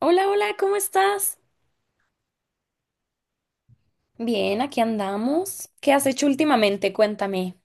Hola, hola, ¿cómo estás? Bien, aquí andamos. ¿Qué has hecho últimamente? Cuéntame.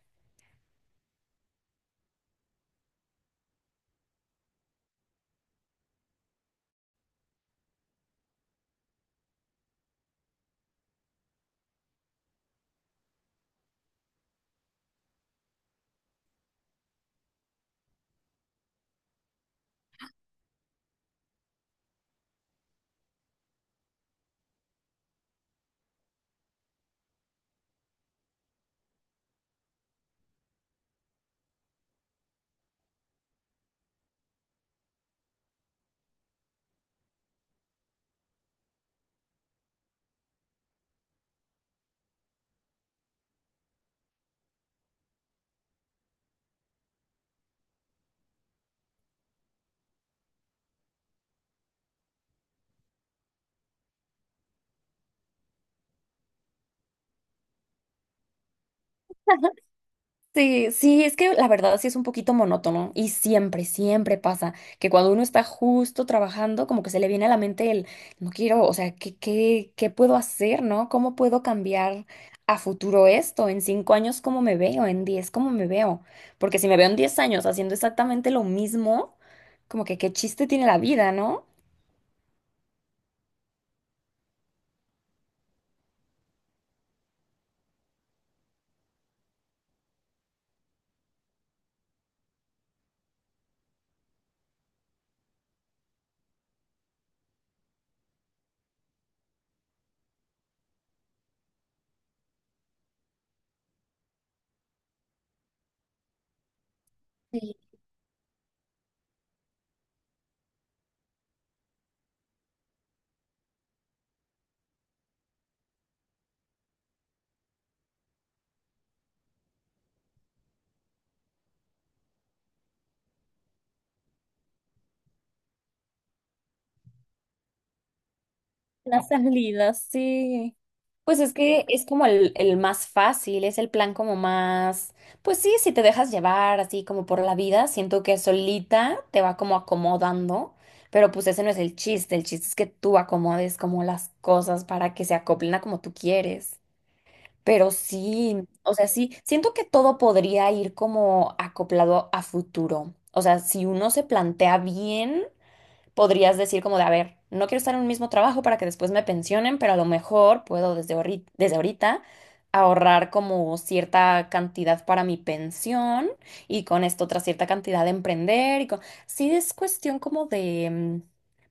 Sí, sí, es que la verdad sí es un poquito monótono y siempre pasa que cuando uno está justo trabajando, como que se le viene a la mente el, no quiero, o sea, ¿qué puedo hacer, no? ¿Cómo puedo cambiar a futuro esto? ¿En 5 años cómo me veo? ¿En 10 cómo me veo? Porque si me veo en 10 años haciendo exactamente lo mismo, como que qué chiste tiene la vida, ¿no? La salida, sí. Pues es que es como el más fácil, es el plan como más, pues sí, si te dejas llevar así como por la vida, siento que solita te va como acomodando, pero pues ese no es el chiste es que tú acomodes como las cosas para que se acoplen a como tú quieres. Pero sí, o sea, sí, siento que todo podría ir como acoplado a futuro. O sea, si uno se plantea bien podrías decir como de, a ver, no quiero estar en un mismo trabajo para que después me pensionen, pero a lo mejor puedo desde, desde ahorita ahorrar como cierta cantidad para mi pensión y con esto otra cierta cantidad de emprender y con... Sí, es cuestión como de,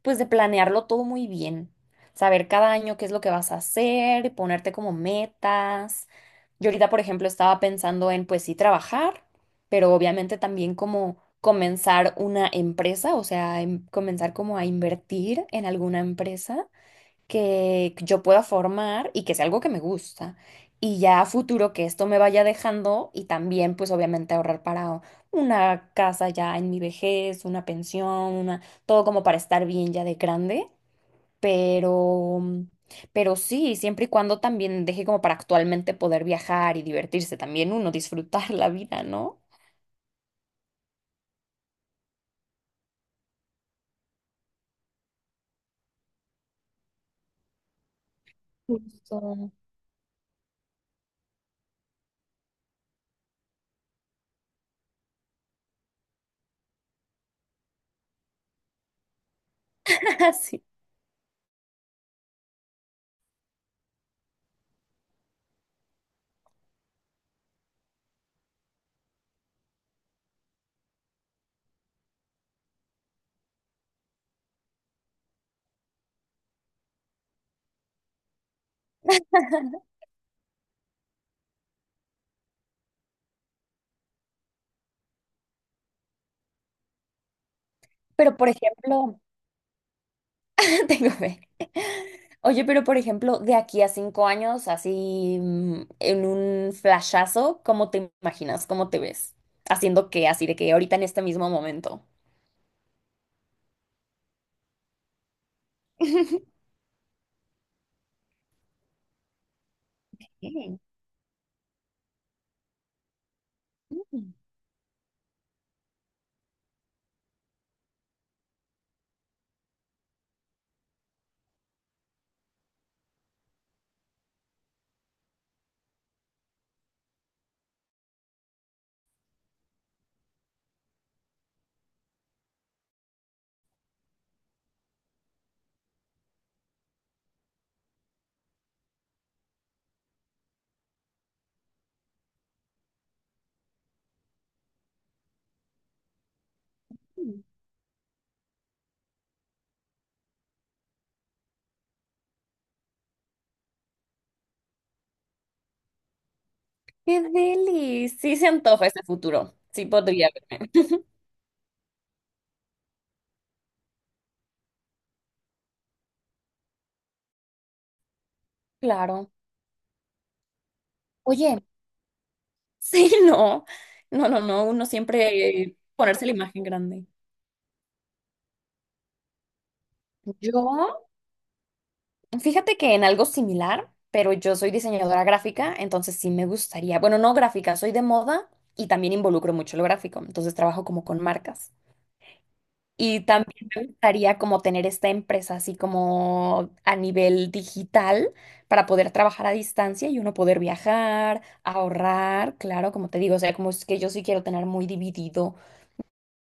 pues de planearlo todo muy bien, saber cada año qué es lo que vas a hacer, ponerte como metas. Yo ahorita, por ejemplo, estaba pensando en, pues sí, trabajar pero obviamente también como comenzar una empresa, o sea, comenzar como a invertir en alguna empresa que yo pueda formar y que sea algo que me gusta. Y ya a futuro que esto me vaya dejando y también pues obviamente ahorrar para una casa ya en mi vejez, una pensión, una, todo como para estar bien ya de grande, pero pero sí, siempre y cuando también deje como para actualmente poder viajar y divertirse también uno, disfrutar la vida, ¿no? Justo. Sí. Pero por ejemplo, tengo fe. Oye, pero por ejemplo, de aquí a 5 años, así en un flashazo, ¿cómo te imaginas? ¿Cómo te ves? Haciendo qué, así de que ahorita en este mismo momento. Ok. Mm, mm. ¡Qué deli! Sí se antoja ese futuro. Sí podría verme. Claro. Oye, sí, no. No, no, no. Uno siempre ponerse la imagen grande. Yo Fíjate que en algo similar, pero yo soy diseñadora gráfica, entonces sí me gustaría, bueno, no gráfica, soy de moda y también involucro mucho lo gráfico, entonces trabajo como con marcas. Y también me gustaría como tener esta empresa así como a nivel digital para poder trabajar a distancia y uno poder viajar, ahorrar, claro, como te digo, o sea, como es que yo sí quiero tener muy dividido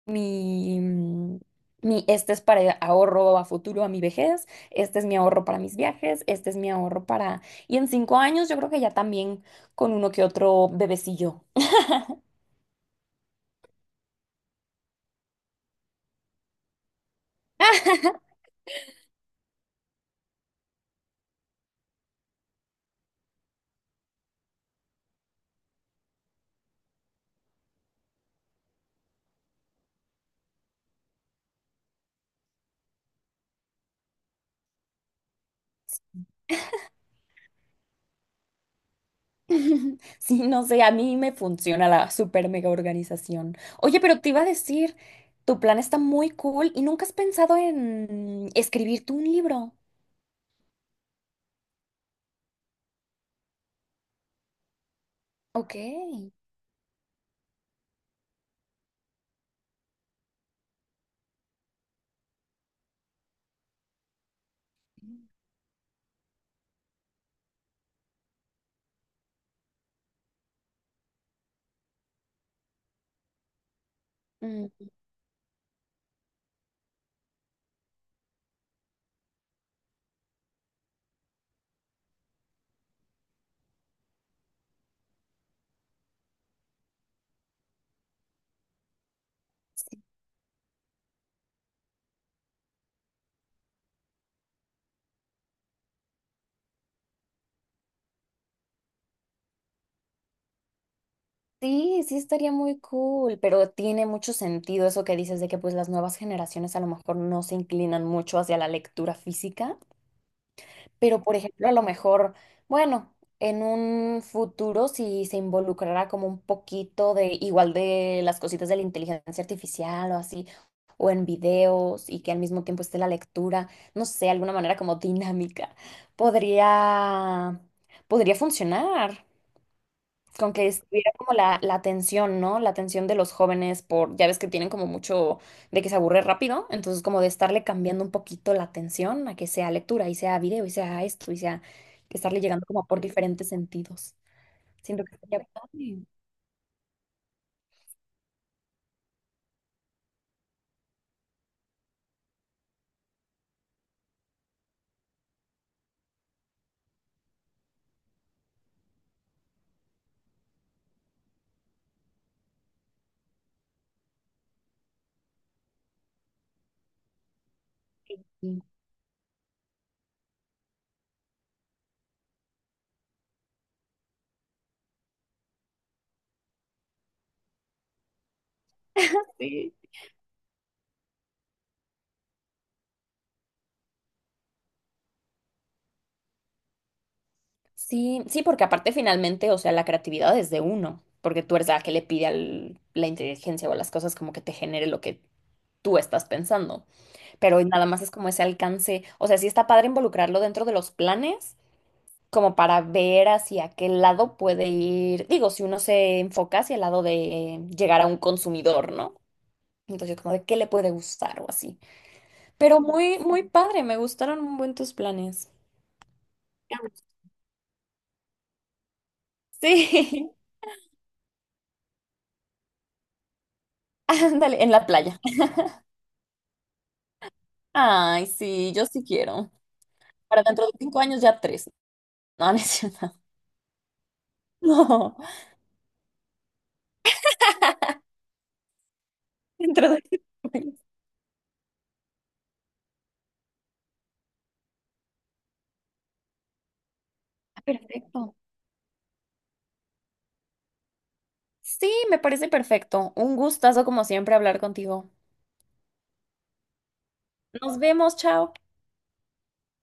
mi, mm, mi, este es para ahorro a futuro, a mi vejez, este es mi ahorro para mis viajes, este es mi ahorro para... Y en 5 años yo creo que ya también con uno que otro bebecillo. Sí, no sé, a mí me funciona la super mega organización. Oye, pero te iba a decir, tu plan está muy cool y nunca has pensado en escribirte un libro. Ok. Mm. Sí, sí estaría muy cool, pero tiene mucho sentido eso que dices de que pues las nuevas generaciones a lo mejor no se inclinan mucho hacia la lectura física, pero por ejemplo a lo mejor, bueno, en un futuro si se involucrará como un poquito de igual de las cositas de la inteligencia artificial o así, o en videos y que al mismo tiempo esté la lectura, no sé, alguna manera como dinámica, podría, podría funcionar con que estuviera como la atención, ¿no? La atención de los jóvenes por, ya ves que tienen como mucho de que se aburre rápido, entonces como de estarle cambiando un poquito la atención a que sea lectura y sea video y sea esto y sea que estarle llegando como por diferentes sentidos. Siento que estaría padre. Sí. Sí. Sí, sí, porque aparte finalmente, o sea, la creatividad es de uno, porque tú eres la que le pide a la inteligencia o a las cosas como que te genere lo que tú estás pensando. Pero nada más es como ese alcance, o sea, sí está padre involucrarlo dentro de los planes, como para ver hacia qué lado puede ir, digo, si uno se enfoca hacia el lado de llegar a un consumidor, ¿no? Entonces, como de qué le puede gustar o así. Pero muy, muy padre, me gustaron un buen tus planes. Sí, ándale, en la playa. Ay, sí, yo sí quiero. Para dentro de 5 años ya tres. No, no es cierto. No, dentro de 5 años. Perfecto. Sí, me parece perfecto. Un gustazo como siempre hablar contigo. Nos vemos, chao.